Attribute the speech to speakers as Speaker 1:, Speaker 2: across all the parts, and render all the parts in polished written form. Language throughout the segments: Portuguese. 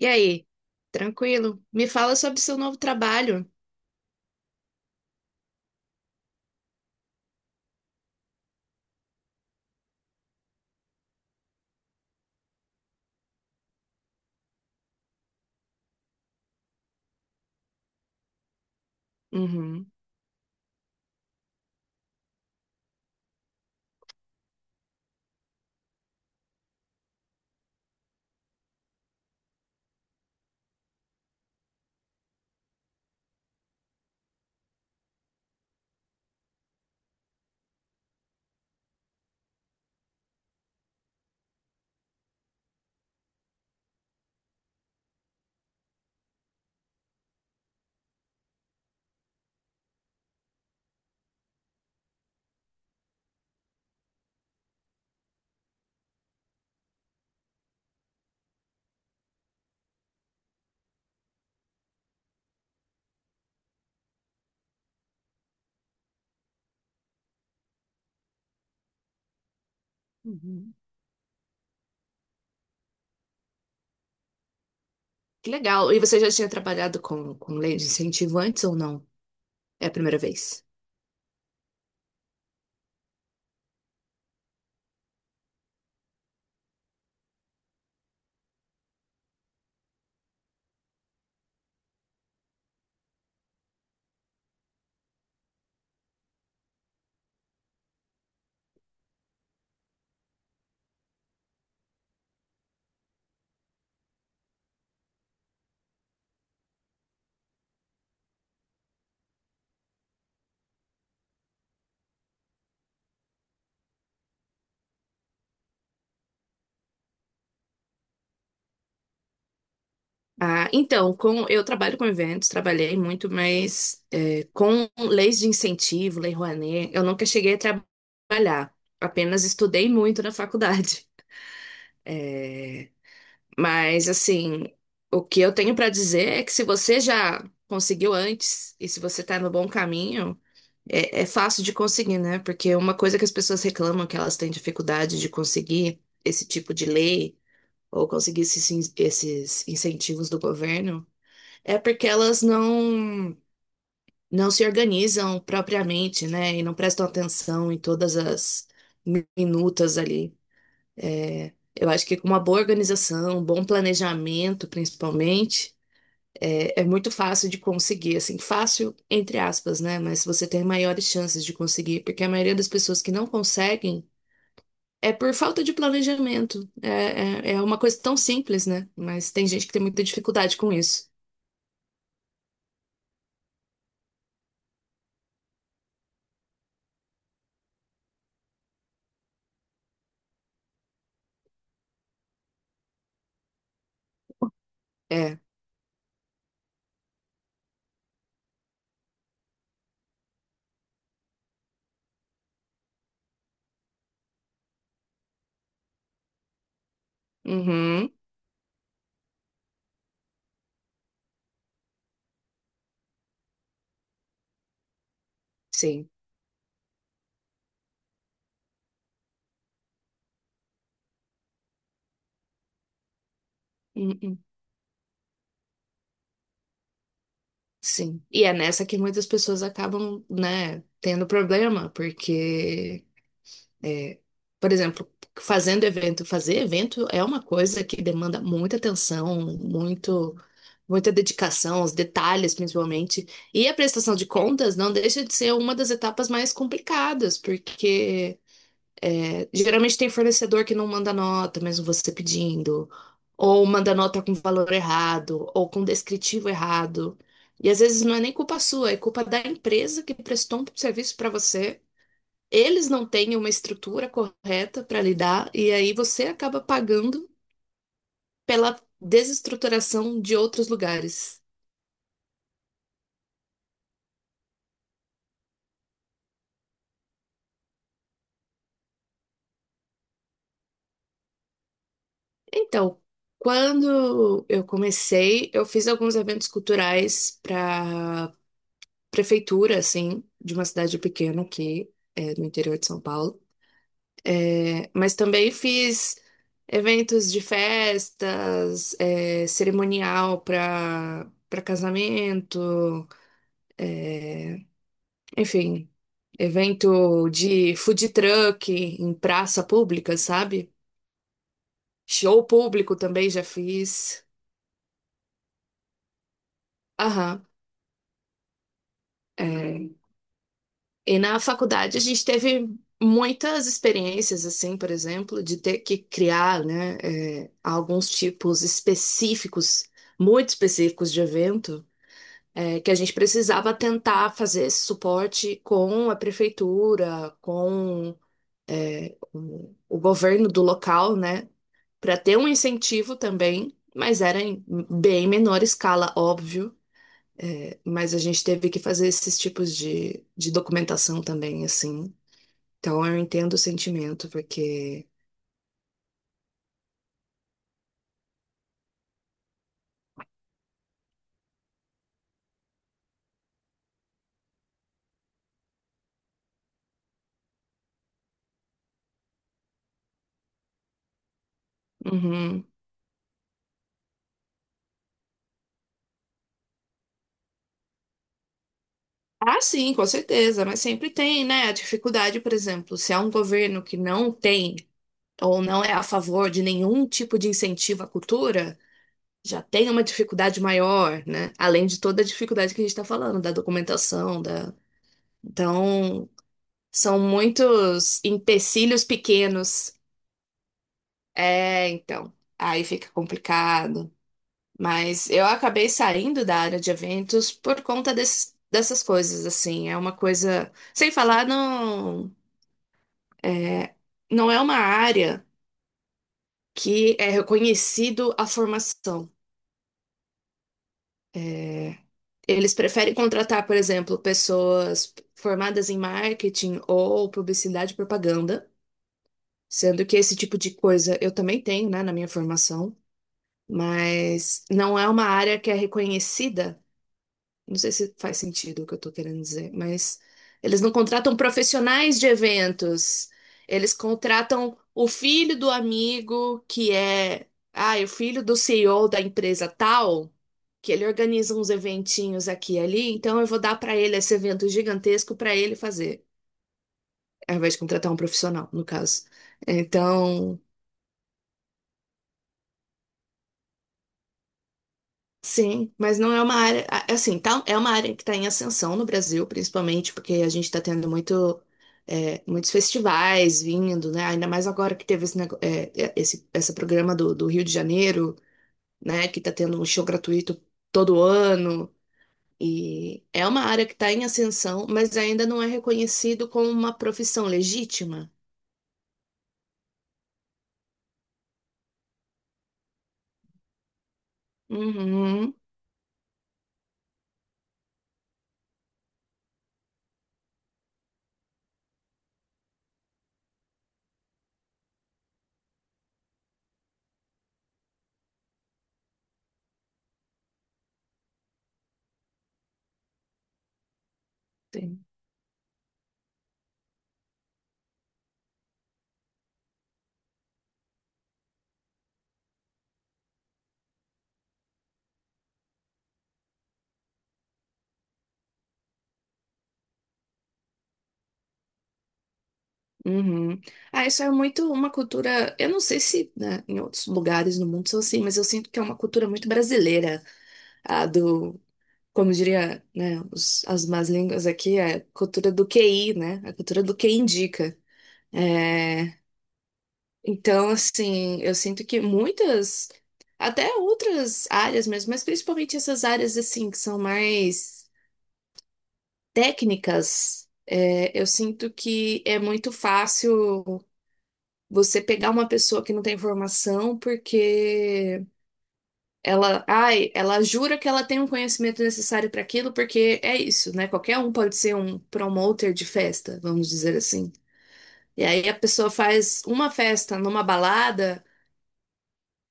Speaker 1: E aí? Tranquilo? Me fala sobre seu novo trabalho. Uhum. Uhum. Que legal. E você já tinha trabalhado com lei de incentivo antes ou não? É a primeira vez? Eu trabalho com eventos, trabalhei muito, mas com leis de incentivo, Lei Rouanet, eu nunca cheguei a trabalhar. Apenas estudei muito na faculdade. Mas assim, o que eu tenho para dizer é que se você já conseguiu antes e se você está no bom caminho, é fácil de conseguir, né? Porque uma coisa que as pessoas reclamam que elas têm dificuldade de conseguir esse tipo de lei ou conseguir esses incentivos do governo é porque elas não se organizam propriamente, né? E não prestam atenção em todas as minutas ali. Eu acho que com uma boa organização, um bom planejamento, principalmente, é muito fácil de conseguir, assim, fácil entre aspas, né? Mas você tem maiores chances de conseguir, porque a maioria das pessoas que não conseguem é por falta de planejamento. É uma coisa tão simples, né? Mas tem gente que tem muita dificuldade com isso. É. Uhum. Sim. Uhum. Sim. E é nessa que muitas pessoas acabam, né, tendo problema, porque É, por exemplo, fazendo evento, fazer evento é uma coisa que demanda muita atenção, muita dedicação, os detalhes principalmente. E a prestação de contas não deixa de ser uma das etapas mais complicadas, porque geralmente tem fornecedor que não manda nota, mesmo você pedindo, ou manda nota com valor errado, ou com descritivo errado. E às vezes não é nem culpa sua, é culpa da empresa que prestou um serviço para você. Eles não têm uma estrutura correta para lidar, e aí você acaba pagando pela desestruturação de outros lugares. Então, quando eu comecei, eu fiz alguns eventos culturais para prefeitura, assim, de uma cidade pequena aqui, no interior de São Paulo. É, mas também fiz eventos de festas, é, cerimonial para casamento. Enfim, evento de food truck em praça pública, sabe? Show público também já fiz. Aham. É. E na faculdade a gente teve muitas experiências, assim, por exemplo, de ter que criar, né, alguns tipos específicos, muito específicos de evento, é, que a gente precisava tentar fazer esse suporte com a prefeitura, com, é, o governo do local, né, para ter um incentivo também, mas era em bem menor escala, óbvio. É, mas a gente teve que fazer esses tipos de documentação também, assim. Então eu entendo o sentimento, porque. Uhum. Ah sim, com certeza, mas sempre tem, né? A dificuldade, por exemplo, se há um governo que não tem ou não é a favor de nenhum tipo de incentivo à cultura, já tem uma dificuldade maior, né? Além de toda a dificuldade que a gente está falando, da documentação, da. Então, são muitos empecilhos pequenos. É, então, aí fica complicado. Mas eu acabei saindo da área de eventos por conta desses, dessas coisas, assim. É uma coisa. Sem falar, não é, não é uma área que é reconhecido a formação. É, eles preferem contratar, por exemplo, pessoas formadas em marketing ou publicidade e propaganda, sendo que esse tipo de coisa eu também tenho, né, na minha formação. Mas não é uma área que é reconhecida. Não sei se faz sentido o que eu estou querendo dizer, mas eles não contratam profissionais de eventos, eles contratam o filho do amigo que é, ah, é o filho do CEO da empresa tal, que ele organiza uns eventinhos aqui e ali, então eu vou dar para ele esse evento gigantesco para ele fazer, ao invés de contratar um profissional, no caso. Então, sim, mas não é uma área, é assim, tá, é uma área que está em ascensão no Brasil, principalmente porque a gente está tendo muito, é, muitos festivais vindo, né? Ainda mais agora que teve esse, nego- é, é, esse programa do Rio de Janeiro, né? Que está tendo um show gratuito todo ano. E é uma área que está em ascensão, mas ainda não é reconhecido como uma profissão legítima. Uhum. Uhum. Ah, isso é muito uma cultura. Eu não sei se, né, em outros lugares no mundo são assim, mas eu sinto que é uma cultura muito brasileira, a do, como diria, né, as más línguas aqui, é a cultura do QI, né? A cultura do que indica. É, então, assim, eu sinto que muitas, até outras áreas mesmo, mas principalmente essas áreas assim que são mais técnicas, é, eu sinto que é muito fácil você pegar uma pessoa que não tem formação porque ela, ai, ela jura que ela tem um conhecimento necessário para aquilo, porque é isso, né? Qualquer um pode ser um promoter de festa, vamos dizer assim. E aí a pessoa faz uma festa numa balada,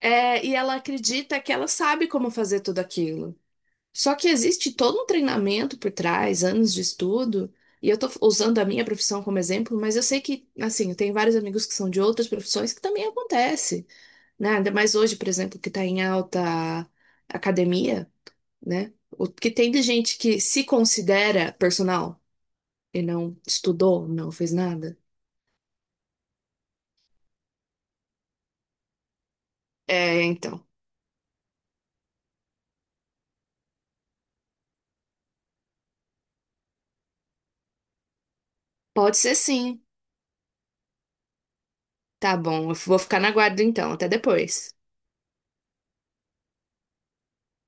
Speaker 1: é, e ela acredita que ela sabe como fazer tudo aquilo. Só que existe todo um treinamento por trás, anos de estudo. E eu tô usando a minha profissão como exemplo, mas eu sei que, assim, eu tenho vários amigos que são de outras profissões que também acontece. Né? Ainda mais hoje, por exemplo, que está em alta academia, né? O que tem de gente que se considera personal e não estudou, não fez nada? É, então. Pode ser sim. Tá bom, eu vou ficar na guarda então. Até depois.